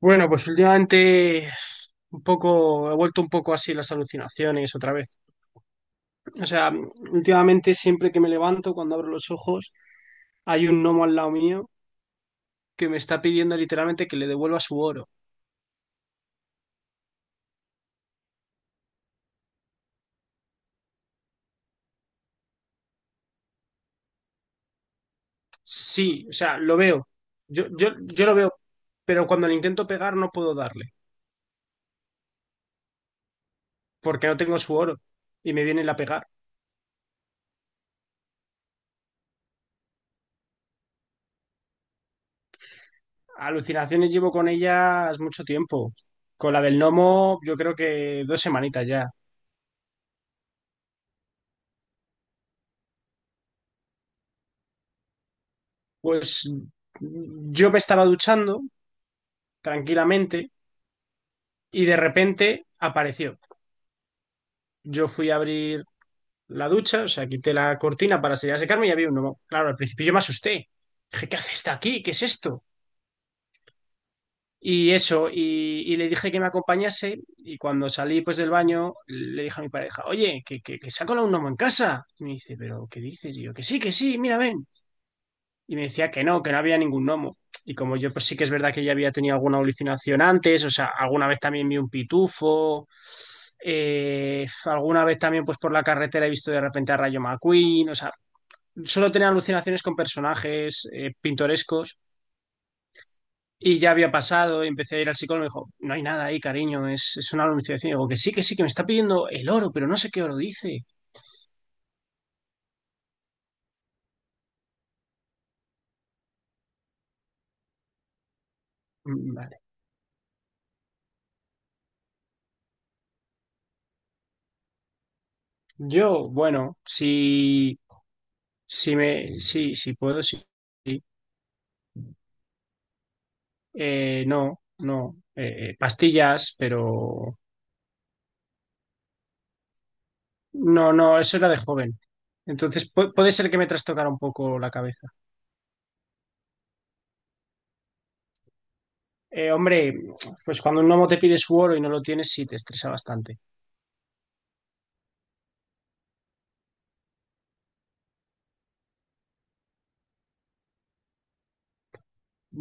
Bueno, pues últimamente un poco, he vuelto un poco así las alucinaciones otra vez. O sea, últimamente siempre que me levanto, cuando abro los ojos, hay un gnomo al lado mío que me está pidiendo literalmente que le devuelva su oro. Sí, o sea, lo veo. Yo lo veo, pero cuando le intento pegar no puedo darle, porque no tengo su oro y me viene la pegar. Alucinaciones llevo con ellas mucho tiempo. Con la del gnomo, yo creo que 2 semanitas ya. Pues yo me estaba duchando, tranquilamente y de repente apareció. Yo fui a abrir la ducha, o sea, quité la cortina para salir a secarme y había un gnomo. Claro, al principio yo me asusté. Dije, ¿qué hace esta aquí? ¿Qué es esto? Y eso, y le dije que me acompañase y cuando salí pues del baño le dije a mi pareja, oye, que se ha colado un gnomo en casa. Y me dice, pero ¿qué dices? Y yo, que sí, mira, ven. Y me decía que no había ningún gnomo. Y como yo, pues sí que es verdad que ya había tenido alguna alucinación antes, o sea, alguna vez también vi un pitufo, alguna vez también, pues por la carretera he visto de repente a Rayo McQueen, o sea, solo tenía alucinaciones con personajes pintorescos. Y ya había pasado, y empecé a ir al psicólogo y me dijo, no hay nada ahí, cariño, es una alucinación. Y digo, que sí, que sí, que me está pidiendo el oro, pero no sé qué oro dice. Mm, vale. Yo, bueno, si, si me, sí, si puedo, sí. No, no. Pastillas, pero no, no, eso era de joven. Entonces puede ser que me trastocara un poco la cabeza. Hombre, pues cuando un gnomo te pide su oro y no lo tienes, sí te estresa bastante.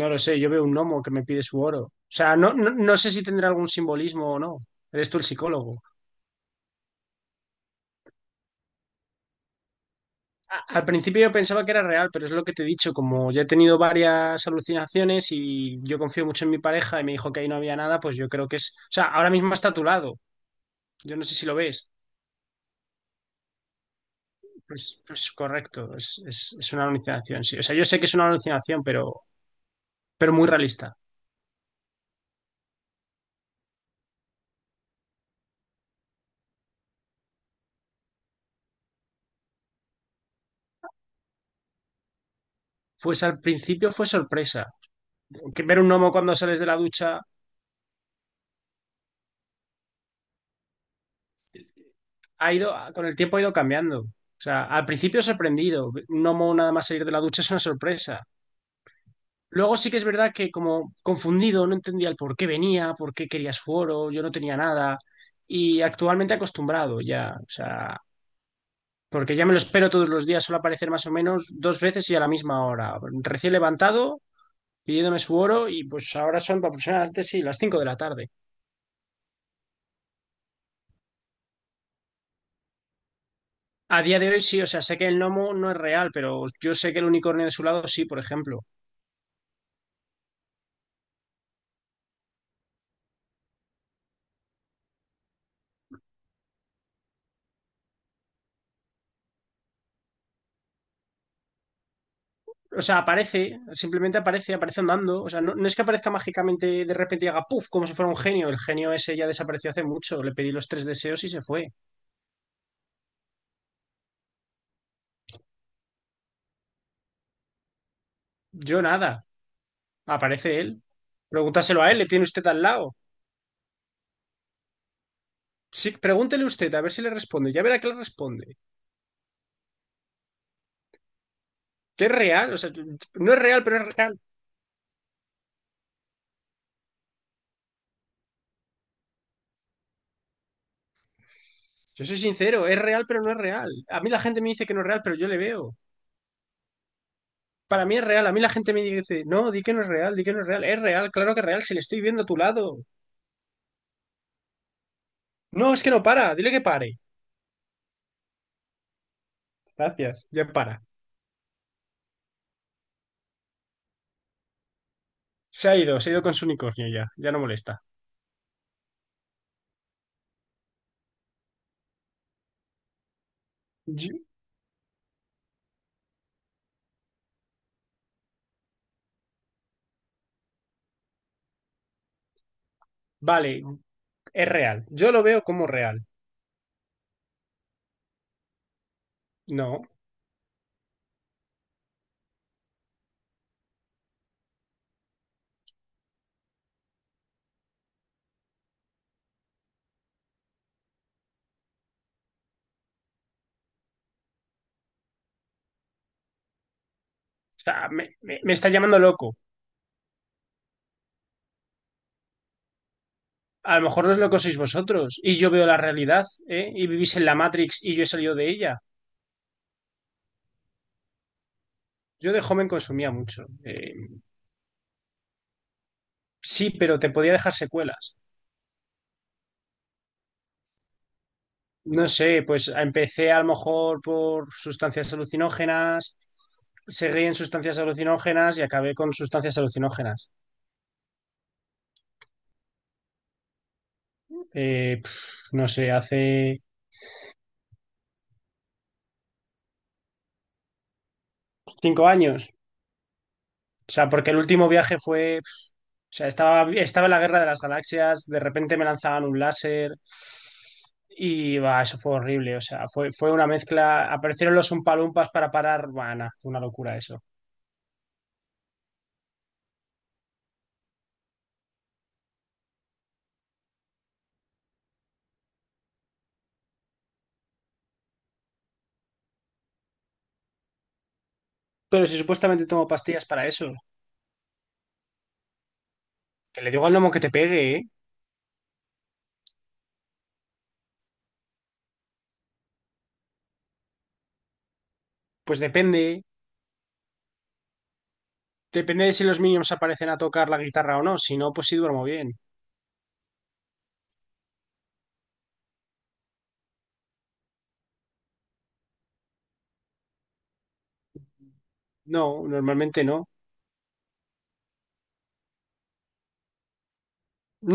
No lo sé, yo veo un gnomo que me pide su oro. O sea, no, no, no sé si tendrá algún simbolismo o no. Eres tú el psicólogo. Al principio yo pensaba que era real, pero es lo que te he dicho, como ya he tenido varias alucinaciones y yo confío mucho en mi pareja y me dijo que ahí no había nada, pues yo creo que es... O sea, ahora mismo está a tu lado. Yo no sé si lo ves. Pues correcto, es una alucinación, sí. O sea, yo sé que es una alucinación, pero muy realista. Pues al principio fue sorpresa. Que ver un gnomo cuando sales de la ducha ha ido, con el tiempo ha ido cambiando. O sea, al principio sorprendido. Un gnomo nada más salir de la ducha es una sorpresa. Luego sí que es verdad que como confundido, no entendía el por qué venía, por qué quería su oro, yo no tenía nada. Y actualmente acostumbrado ya. O sea, porque ya me lo espero todos los días, suele aparecer más o menos dos veces y a la misma hora. Recién levantado, pidiéndome su oro y pues ahora son aproximadamente sí, las 5 de la tarde. A día de hoy sí, o sea, sé que el gnomo no es real, pero yo sé que el unicornio de su lado sí, por ejemplo. O sea, aparece, simplemente aparece, aparece andando. O sea, no, no es que aparezca mágicamente de repente y haga puff, como si fuera un genio. El genio ese ya desapareció hace mucho. Le pedí los tres deseos y se fue. Yo nada. Aparece él. Pregúntaselo a él, le tiene usted al lado. Sí, pregúntele usted, a ver si le responde. Ya verá que le responde. Que es real, o sea, no es real, pero es real. Yo soy sincero, es real, pero no es real. A mí la gente me dice que no es real, pero yo le veo. Para mí es real, a mí la gente me dice, no, di que no es real, di que no es real. Es real, claro que es real, si le estoy viendo a tu lado. No, es que no para, dile que pare. Gracias, ya para. Se ha ido con su unicornio ya, ya no molesta. Yo... vale, es real. Yo lo veo como real. No, o sea, me está llamando loco. A lo mejor no es lo que sois vosotros y yo veo la realidad, ¿eh? Y vivís en la Matrix y yo he salido de ella. Yo de joven consumía mucho. Sí, pero te podía dejar secuelas. No sé, pues empecé a lo mejor por sustancias alucinógenas, seguí en sustancias alucinógenas y acabé con sustancias alucinógenas. Eh, pf, no sé, hace 5 años. O sea, porque el último viaje fue... O sea, estaba en la Guerra de las Galaxias, de repente me lanzaban un láser y va, eso fue horrible. O sea, fue una mezcla. Aparecieron los umpalumpas para parar. Bueno, fue una locura eso. Pero si supuestamente tomo pastillas para eso, que le digo al gnomo que te pegue, ¿eh? Pues depende. Depende de si los minions aparecen a tocar la guitarra o no. Si no, pues sí duermo bien. No, normalmente no.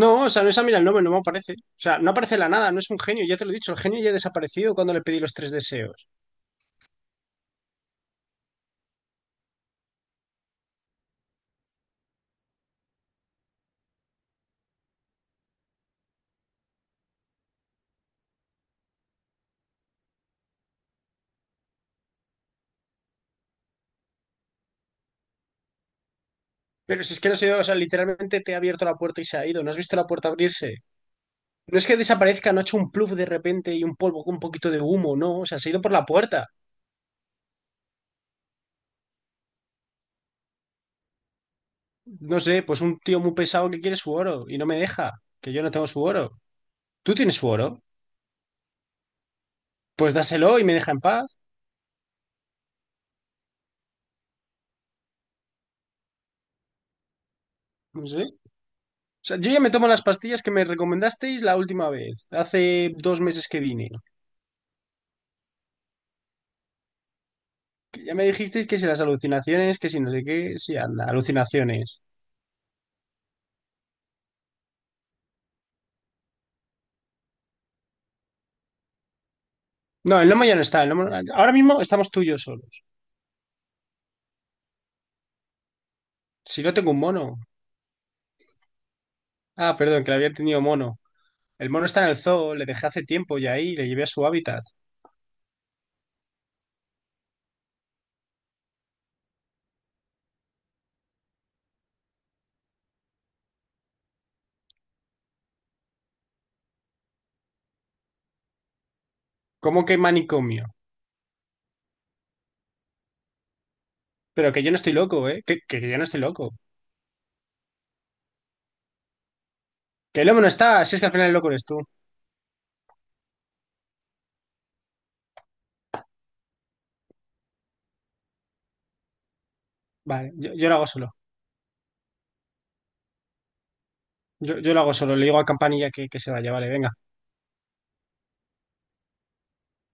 No, o sea, no es a mí el nombre, no me aparece. O sea, no aparece de la nada, no es un genio, ya te lo he dicho, el genio ya ha desaparecido cuando le pedí los tres deseos. Pero si es que no se ha ido, o sea, literalmente te ha abierto la puerta y se ha ido. ¿No has visto la puerta abrirse? No es que desaparezca, no ha hecho un pluf de repente y un polvo con un poquito de humo, no. O sea, se ha ido por la puerta. No sé, pues un tío muy pesado que quiere su oro y no me deja, que yo no tengo su oro. ¿Tú tienes su oro? Pues dáselo y me deja en paz. No sé. O sea, yo ya me tomo las pastillas que me recomendasteis la última vez, hace 2 meses que vine. Que ya me dijisteis que si las alucinaciones, que si no sé qué, si anda, alucinaciones. No, el lomo ya no está. Ahora mismo estamos tú y yo solos. Si no tengo un mono. Ah, perdón, que le había tenido mono. El mono está en el zoo, le dejé hace tiempo ya ahí, le llevé a su hábitat. ¿Cómo que manicomio? Pero que yo no estoy loco, ¿eh? Que yo no estoy loco. Que el lobo no está, si es que al final el loco eres tú. Vale, yo lo hago solo. Yo lo hago solo, le digo a Campanilla que se vaya, vale, venga.